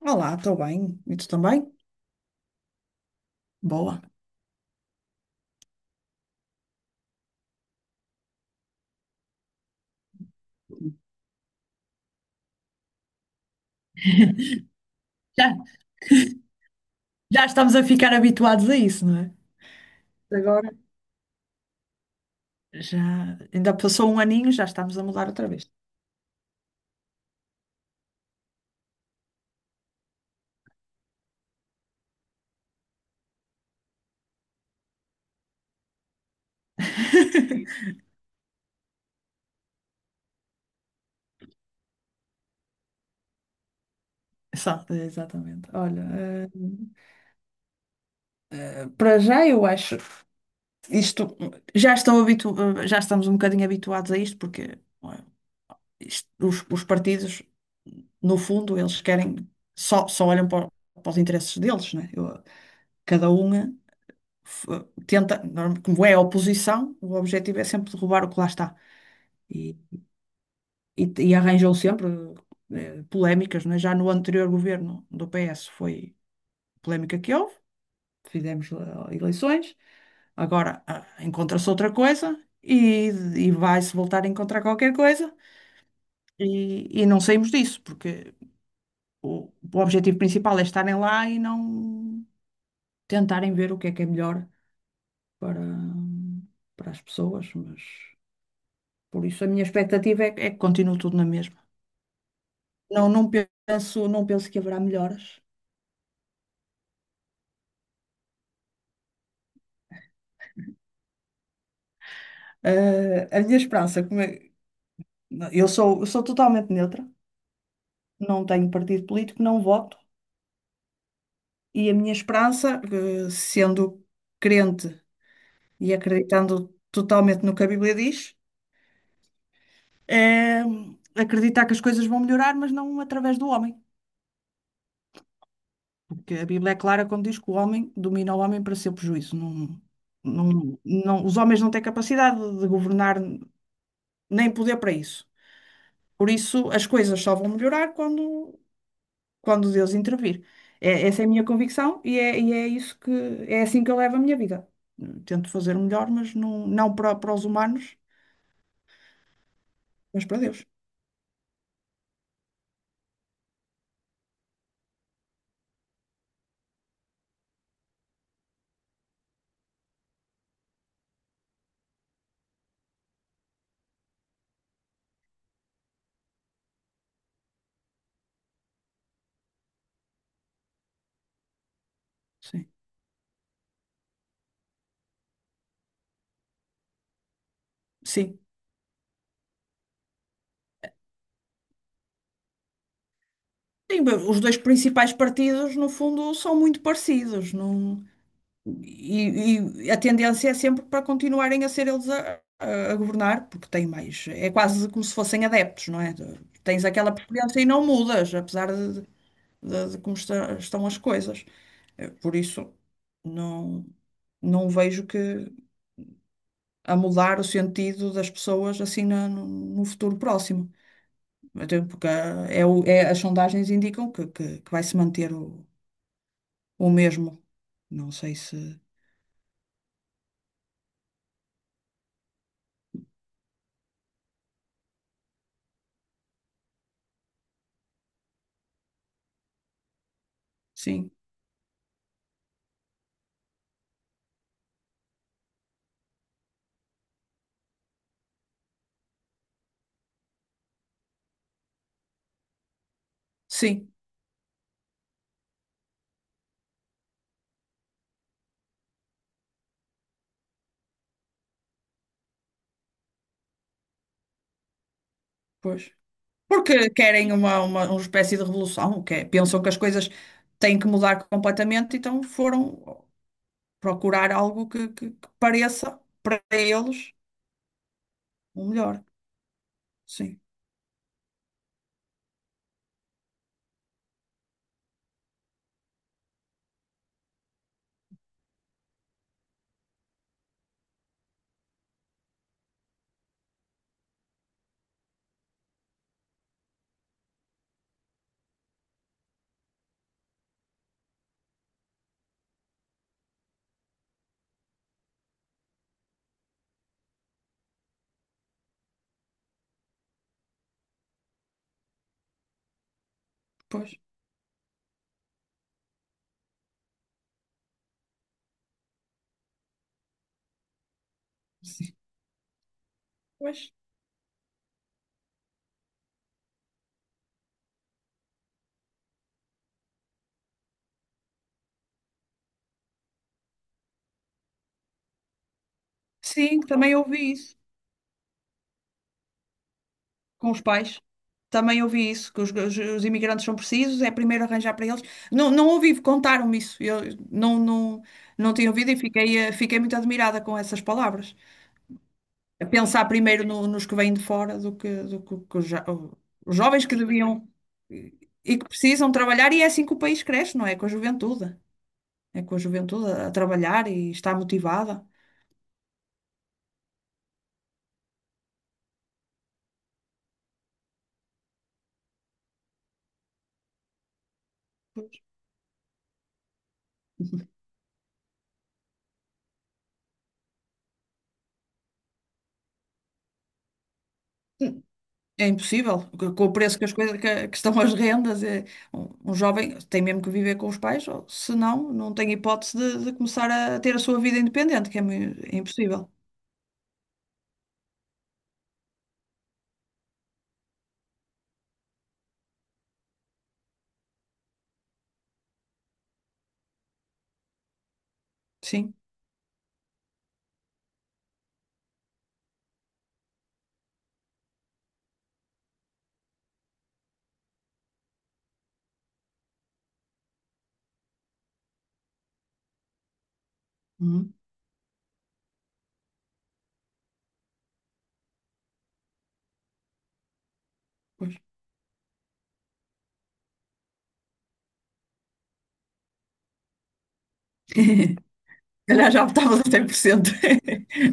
Olá, estou bem. E tu também? Boa. Já, já estamos a ficar habituados a isso, não é? Agora? Já, ainda passou um aninho, já estamos a mudar outra vez. Só, exatamente. Olha, eh, para já eu acho isto, já estou habitu, já estamos um bocadinho habituados a isto, porque ué, isto- os partidos, no fundo, eles querem, só olham para, para os interesses deles, né? Eu- cada um. F- tenta, norm- como é a oposição, o objetivo é sempre derrubar o que lá está. E, e arranjam sempre polémicas, não é? Já no anterior governo do PS foi a polémica que houve, fizemos eleições, agora encontra-se outra coisa e, e vai-se voltar a encontrar qualquer coisa e não saímos disso, porque o, o objetivo principal é estarem lá e não tentarem ver o que é melhor para, para as pessoas, mas. Por isso, a minha expectativa é, é que continue tudo na mesma. Não, não penso, não penso que haverá melhoras. A minha esperança, como é- eu sou totalmente neutra, não tenho partido político, não voto, e a minha esperança, sendo crente e acreditando totalmente no que a Bíblia diz, é acreditar que as coisas vão melhorar, mas não através do homem. Porque a Bíblia é clara quando diz que o homem domina o homem para seu prejuízo. Não, não, os homens não têm capacidade de governar nem poder para isso. Por isso, as coisas só vão melhorar quando, quando Deus intervir. É, essa é a minha convicção e e é isso que é assim que eu levo a minha vida. Tento fazer o melhor, mas não, não para, para os humanos, mas para Deus. Sim. Sim. Sim, bem, os dois principais partidos, no fundo, são muito parecidos. Não... e a tendência é sempre para continuarem a ser eles a governar, porque têm mais. É quase como se fossem adeptos, não é? Tens aquela preferência e não mudas, apesar de de como está- estão as coisas. Por isso, não, não vejo que a mudar o sentido das pessoas assim na- no futuro próximo. Até porque as sondagens indicam que, que vai se manter o mesmo. Não sei se. Sim, sim, pois. Porque querem uma, uma espécie de revolução, que é- pensam que as coisas têm que mudar completamente, então foram procurar algo que, que pareça para eles o melhor. Sim. Pois, sim. Pois. Sim, também ouvi isso com os pais. Também ouvi isso, que os imigrantes são precisos, é primeiro arranjar para eles. Não, não ouvi, contaram-me isso. Eu não, não, não tinha ouvido e fiquei, fiquei muito admirada com essas palavras. A pensar primeiro no- nos que vêm de fora do que, que os, jo- os jovens que deviam e que precisam trabalhar, e é assim que o país cresce, não é? Com a juventude. É com a juventude a trabalhar e está motivada. É impossível, co- com o preço que as coisas que estão as rendas, é, um jovem tem mesmo que viver com os pais, ou, se não, não tem hipótese de começar a ter a sua vida independente, que é, mui- é impossível. Sim. Uhum, pois. Se calhar já optavas a 100%.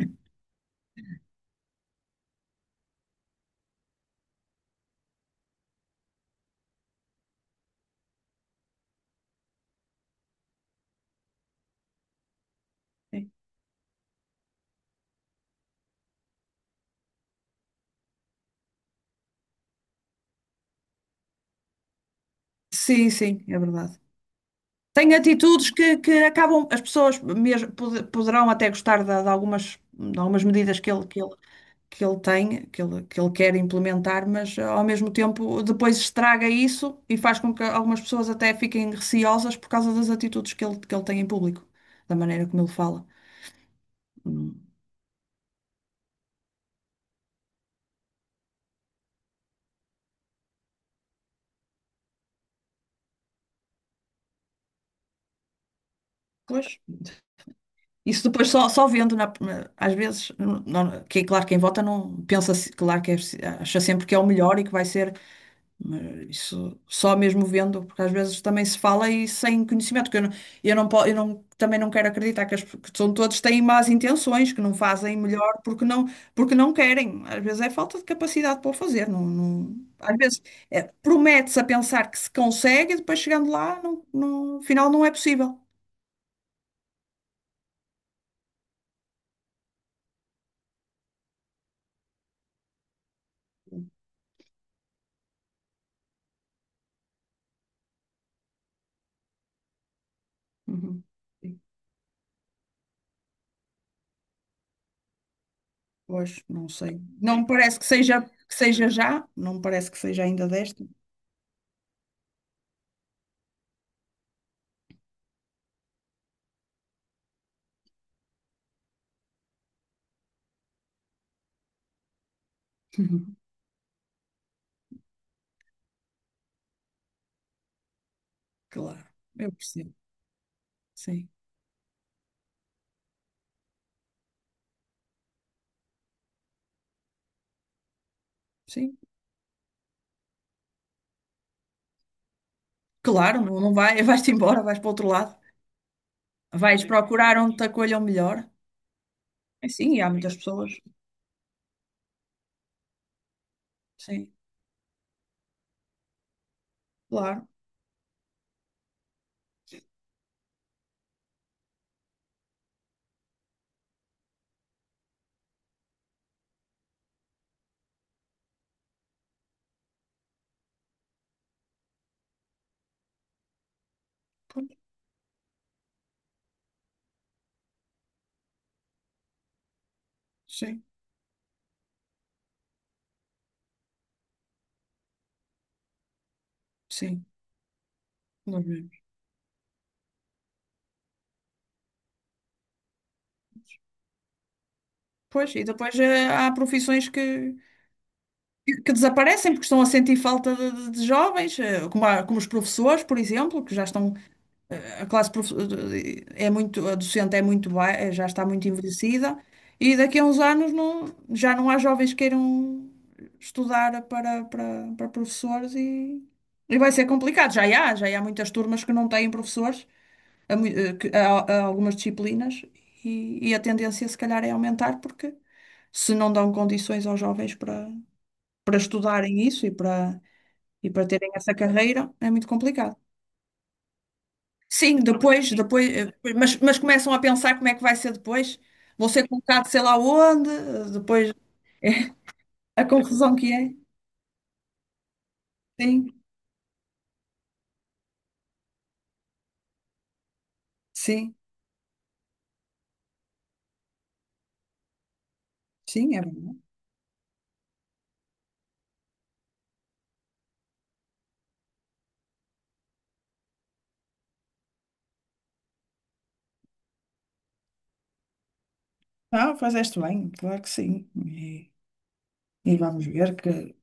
Sim, sim, é verdade. Tem atitudes que acabam, as pessoas mesmo pod- poderão até gostar de algumas medidas que ele, que ele tem, que ele quer implementar, mas ao mesmo tempo depois estraga isso e faz com que algumas pessoas até fiquem receosas por causa das atitudes que ele tem em público, da maneira como ele fala. Hum, Pois, isso depois só, só vendo, na- na- às vezes, não- não- que, claro, quem vota não pensa, se- claro que é- acha sempre que é o melhor e que vai ser. Mas isso só mesmo vendo, porque às vezes também se fala e sem conhecimento, que eu não, eu não- também não quero acreditar que, as, que são todos têm más intenções, que não fazem melhor porque não querem. Às vezes é falta de capacidade para o fazer. Não, não- às vezes é, promete-se a pensar que se consegue e depois chegando lá, não, não, afinal não é possível. Uhum. Pois, não sei. Não me parece que seja já, não me parece que seja ainda desta. Uhum. Claro, eu percebo. Sim, sim. Claro, não, não vai, vais-te embora, vais para o outro lado. Vais procurar onde te acolham melhor. É, sim, e há muitas pessoas. Sim, claro. Pois, sim, sim. Nós vemos. Pois, e depois há profissões que, que desaparecem porque estão a sentir falta de jovens, como, a- como os professores, por exemplo, que já estão, eh, a classe profe- eh, é muito, a docente é muito, ba- já está muito envelhecida, e daqui a uns anos não, já não há jovens que queiram estudar para, para, para professores e vai ser complicado. Já há muitas turmas que não têm professores, a, mui- a algumas disciplinas, e a tendência se calhar é aumentar porque se não dão condições aos jovens para estudarem isso e para terem essa carreira é muito complicado. Sim, depois, depois, mas começam a pensar como é que vai ser depois. Vão ser colocados sei lá onde, depois a confusão que é. Sim, sim, sim, é verdade. Não, fazeste bem, claro que sim. E vamos ver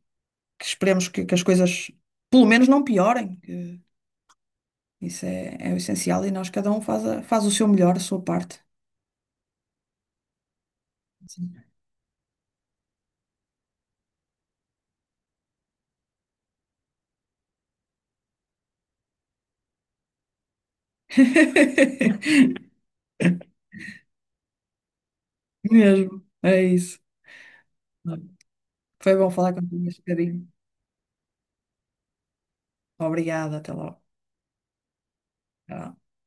que esperemos que as coisas pelo menos não piorem. Que isso é, é o essencial e nós cada um faz, a- faz o seu melhor, a sua parte. Sim. Mesmo, é isso. Foi bom falar contigo este bocadinho. Obrigada, até logo. Tchau.